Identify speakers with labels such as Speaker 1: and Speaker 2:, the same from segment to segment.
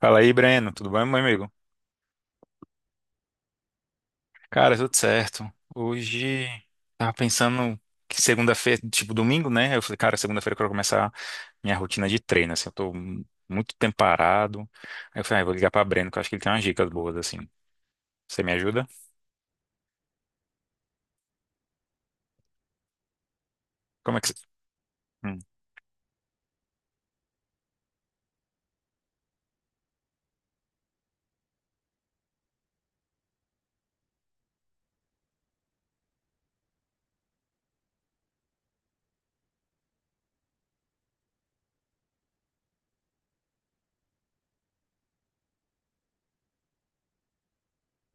Speaker 1: Fala aí, Breno. Tudo bem, meu amigo? Cara, tudo certo. Hoje tava pensando que segunda-feira, tipo domingo, né? Eu falei, cara, segunda-feira eu quero começar minha rotina de treino, assim, eu tô muito tempo parado. Aí eu falei, ah, eu vou ligar pra Breno, que eu acho que ele tem umas dicas boas, assim. Você me ajuda? Como é que você... Hum.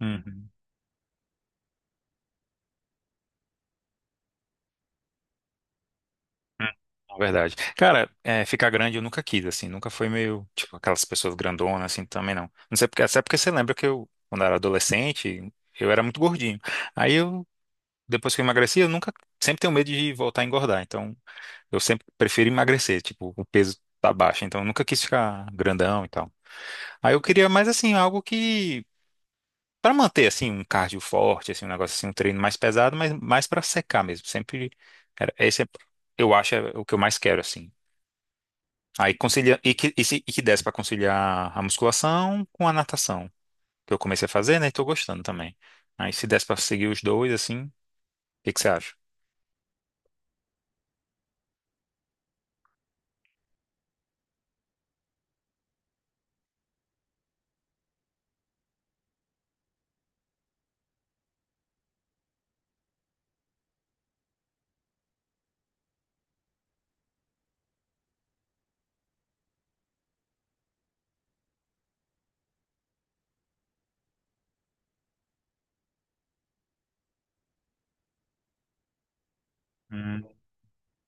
Speaker 1: Uhum. Hum, hum. É verdade. Cara, é, ficar grande eu nunca quis, assim, nunca foi meio, tipo, aquelas pessoas grandonas, assim, também não. Não sei porque, até porque você lembra que eu, quando eu era adolescente, eu era muito gordinho. Aí eu depois que eu emagreci, eu nunca, sempre tenho medo de voltar a engordar. Então, eu sempre prefiro emagrecer, tipo, o peso tá baixo. Então, eu nunca quis ficar grandão e tal. Aí eu queria mais assim, algo que pra manter assim um cardio forte, assim um negócio assim, um treino mais pesado, mas mais pra secar mesmo. Sempre era, esse é, eu acho é o que eu mais quero assim. Aí conciliar e que, e, se- e que desse pra conciliar a musculação com a natação, que eu comecei a fazer, né, e tô gostando também. Aí se desse pra seguir os dois assim, o que que você acha?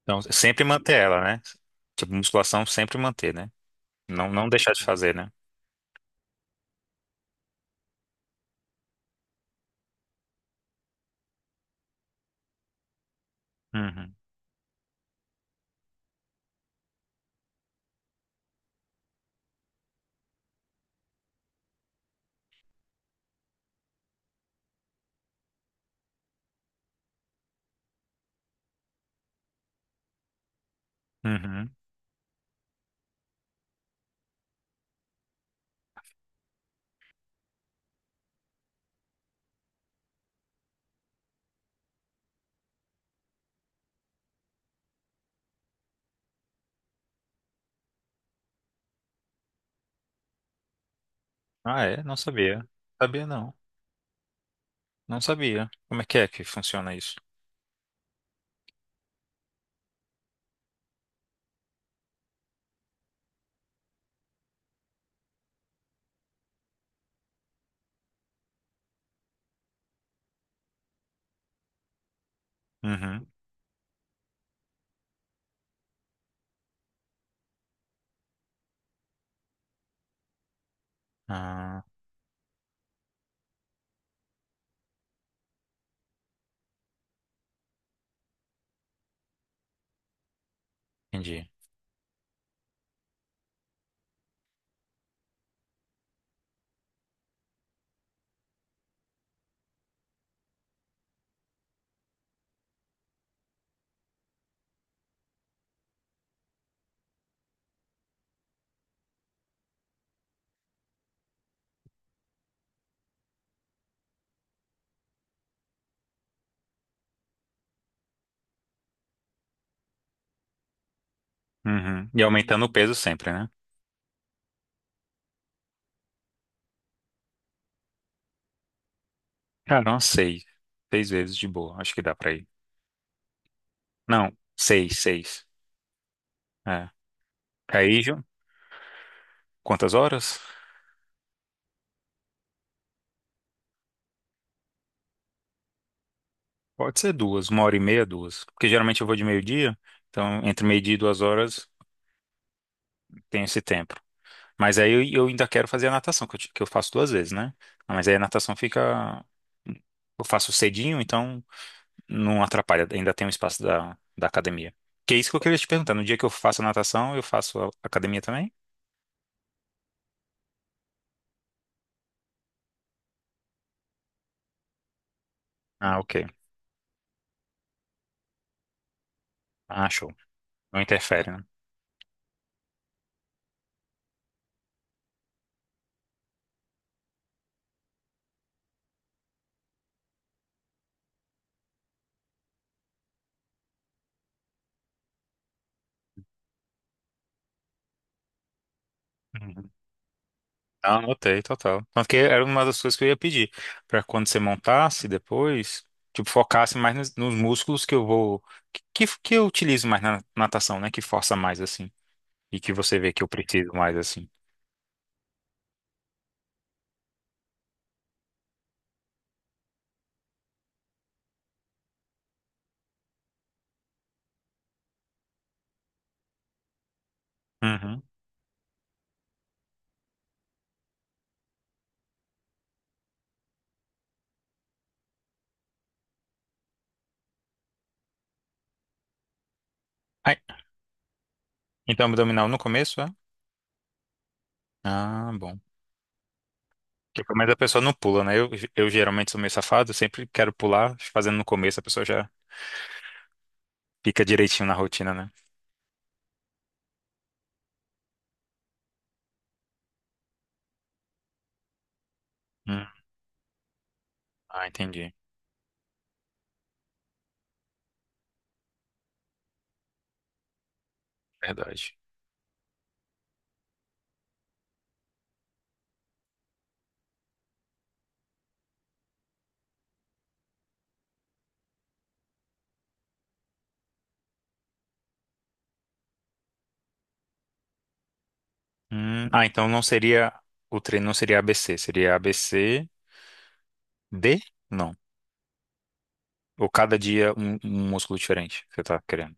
Speaker 1: Então, sempre manter ela, né? Tipo, musculação sempre manter, né? Não, não deixar de fazer, né? Uhum. Uhum. Ah, é? Não sabia. Sabia não. Não sabia. Como é que funciona isso? Uhum. Ah, entendi. Uhum. E aumentando o peso sempre, né? Cara, não sei. Seis vezes de boa. Acho que dá pra ir. Não, seis, seis. É. Aí, Ju, quantas horas? Pode ser duas, uma hora e meia, duas. Porque geralmente eu vou de meio-dia, então entre meio-dia e duas horas tem esse tempo. Mas aí eu, ainda quero fazer a natação, que que eu faço duas vezes, né? Ah, mas aí a natação fica. Eu faço cedinho, então não atrapalha, ainda tem um espaço da, da academia. Que é isso que eu queria te perguntar. No dia que eu faço a natação, eu faço a academia também? Ah, ok. Ah, show. Não interfere, né? Uhum. Ah, anotei, total. Tanto que era uma das coisas que eu ia pedir, pra quando você montasse depois, tipo, focasse mais nos, nos músculos que eu vou. Que eu utilizo mais na natação, né? Que força mais assim. E que você vê que eu preciso mais assim. Uhum. Ai, então, abdominal no começo, é? Ah, bom. Porque pelo menos a pessoa não pula, né? Eu geralmente sou meio safado, sempre quero pular, fazendo no começo, a pessoa já fica direitinho na rotina, né? Hum. Ah, entendi. Verdade. Hum. Ah, então não seria, o treino não seria ABC, seria ABCD? Não. Ou cada dia um, um músculo diferente que você tá querendo.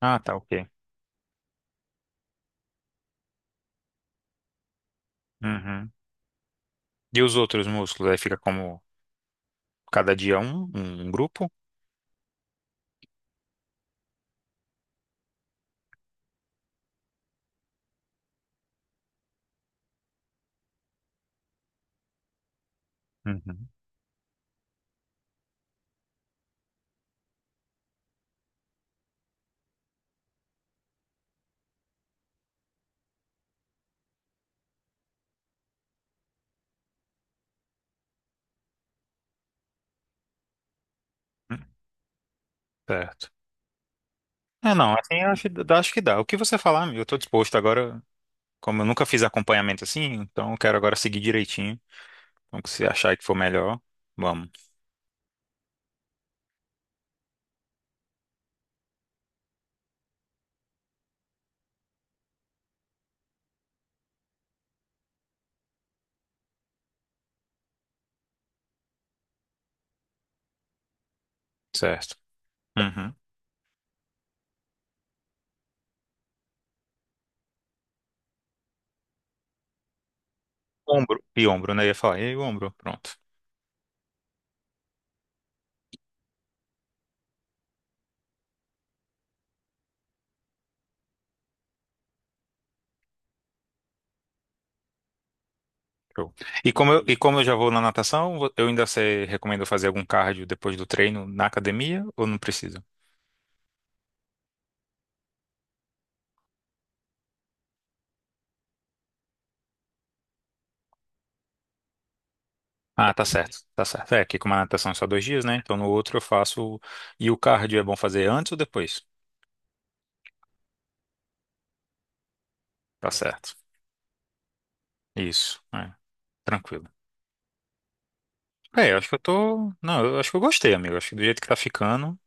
Speaker 1: Ah, tá, ok. Uhum. E os outros músculos? Aí fica como cada dia um, um um grupo? Uhum. Hum. Certo. É, não, assim eu acho, dá- acho que dá. O que você falar, amigo, eu tô disposto agora, como eu nunca fiz acompanhamento assim, então eu quero agora seguir direitinho. Então, se achar que for melhor, vamos, certo. Uhum. Ombro, e ombro, né? Eu ia falar, e aí, ombro, pronto. Show. E como eu já vou na natação, eu ainda você recomenda fazer algum cardio depois do treino na academia ou não precisa? Ah, tá certo, tá certo. É que como a natação é só dois dias, né? Então no outro eu faço. E o cardio é bom fazer antes ou depois? Tá certo. Isso, é, tranquilo. É, eu acho que eu tô. Não, eu acho que eu gostei, amigo. Acho que do jeito que tá ficando,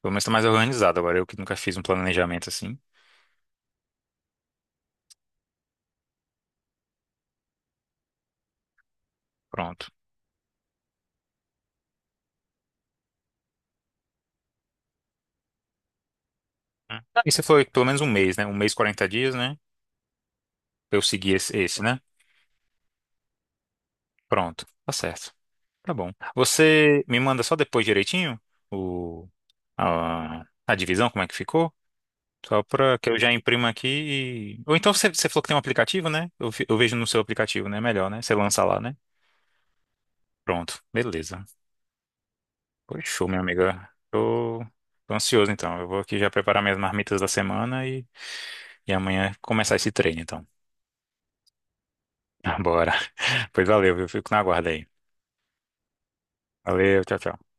Speaker 1: pelo menos tá mais organizado agora. Eu que nunca fiz um planejamento assim. Pronto. Hum. Ah, e você falou que pelo menos um mês, né? Um mês, 40 dias, né? Pra eu segui esse, né? Pronto. Tá certo. Tá bom. Você me manda só depois direitinho o, a, a divisão, como é que ficou? Só pra que eu já imprima aqui e... Ou então você, você falou que tem um aplicativo, né? Eu vejo no seu aplicativo, né? É melhor, né? Você lança lá, né? Pronto. Beleza. Pois show, minha amiga. Tô ansioso, então. Eu vou aqui já preparar minhas marmitas da semana e amanhã começar esse treino, então. Bora. Pois valeu, viu? Fico na guarda aí. Valeu, tchau, tchau.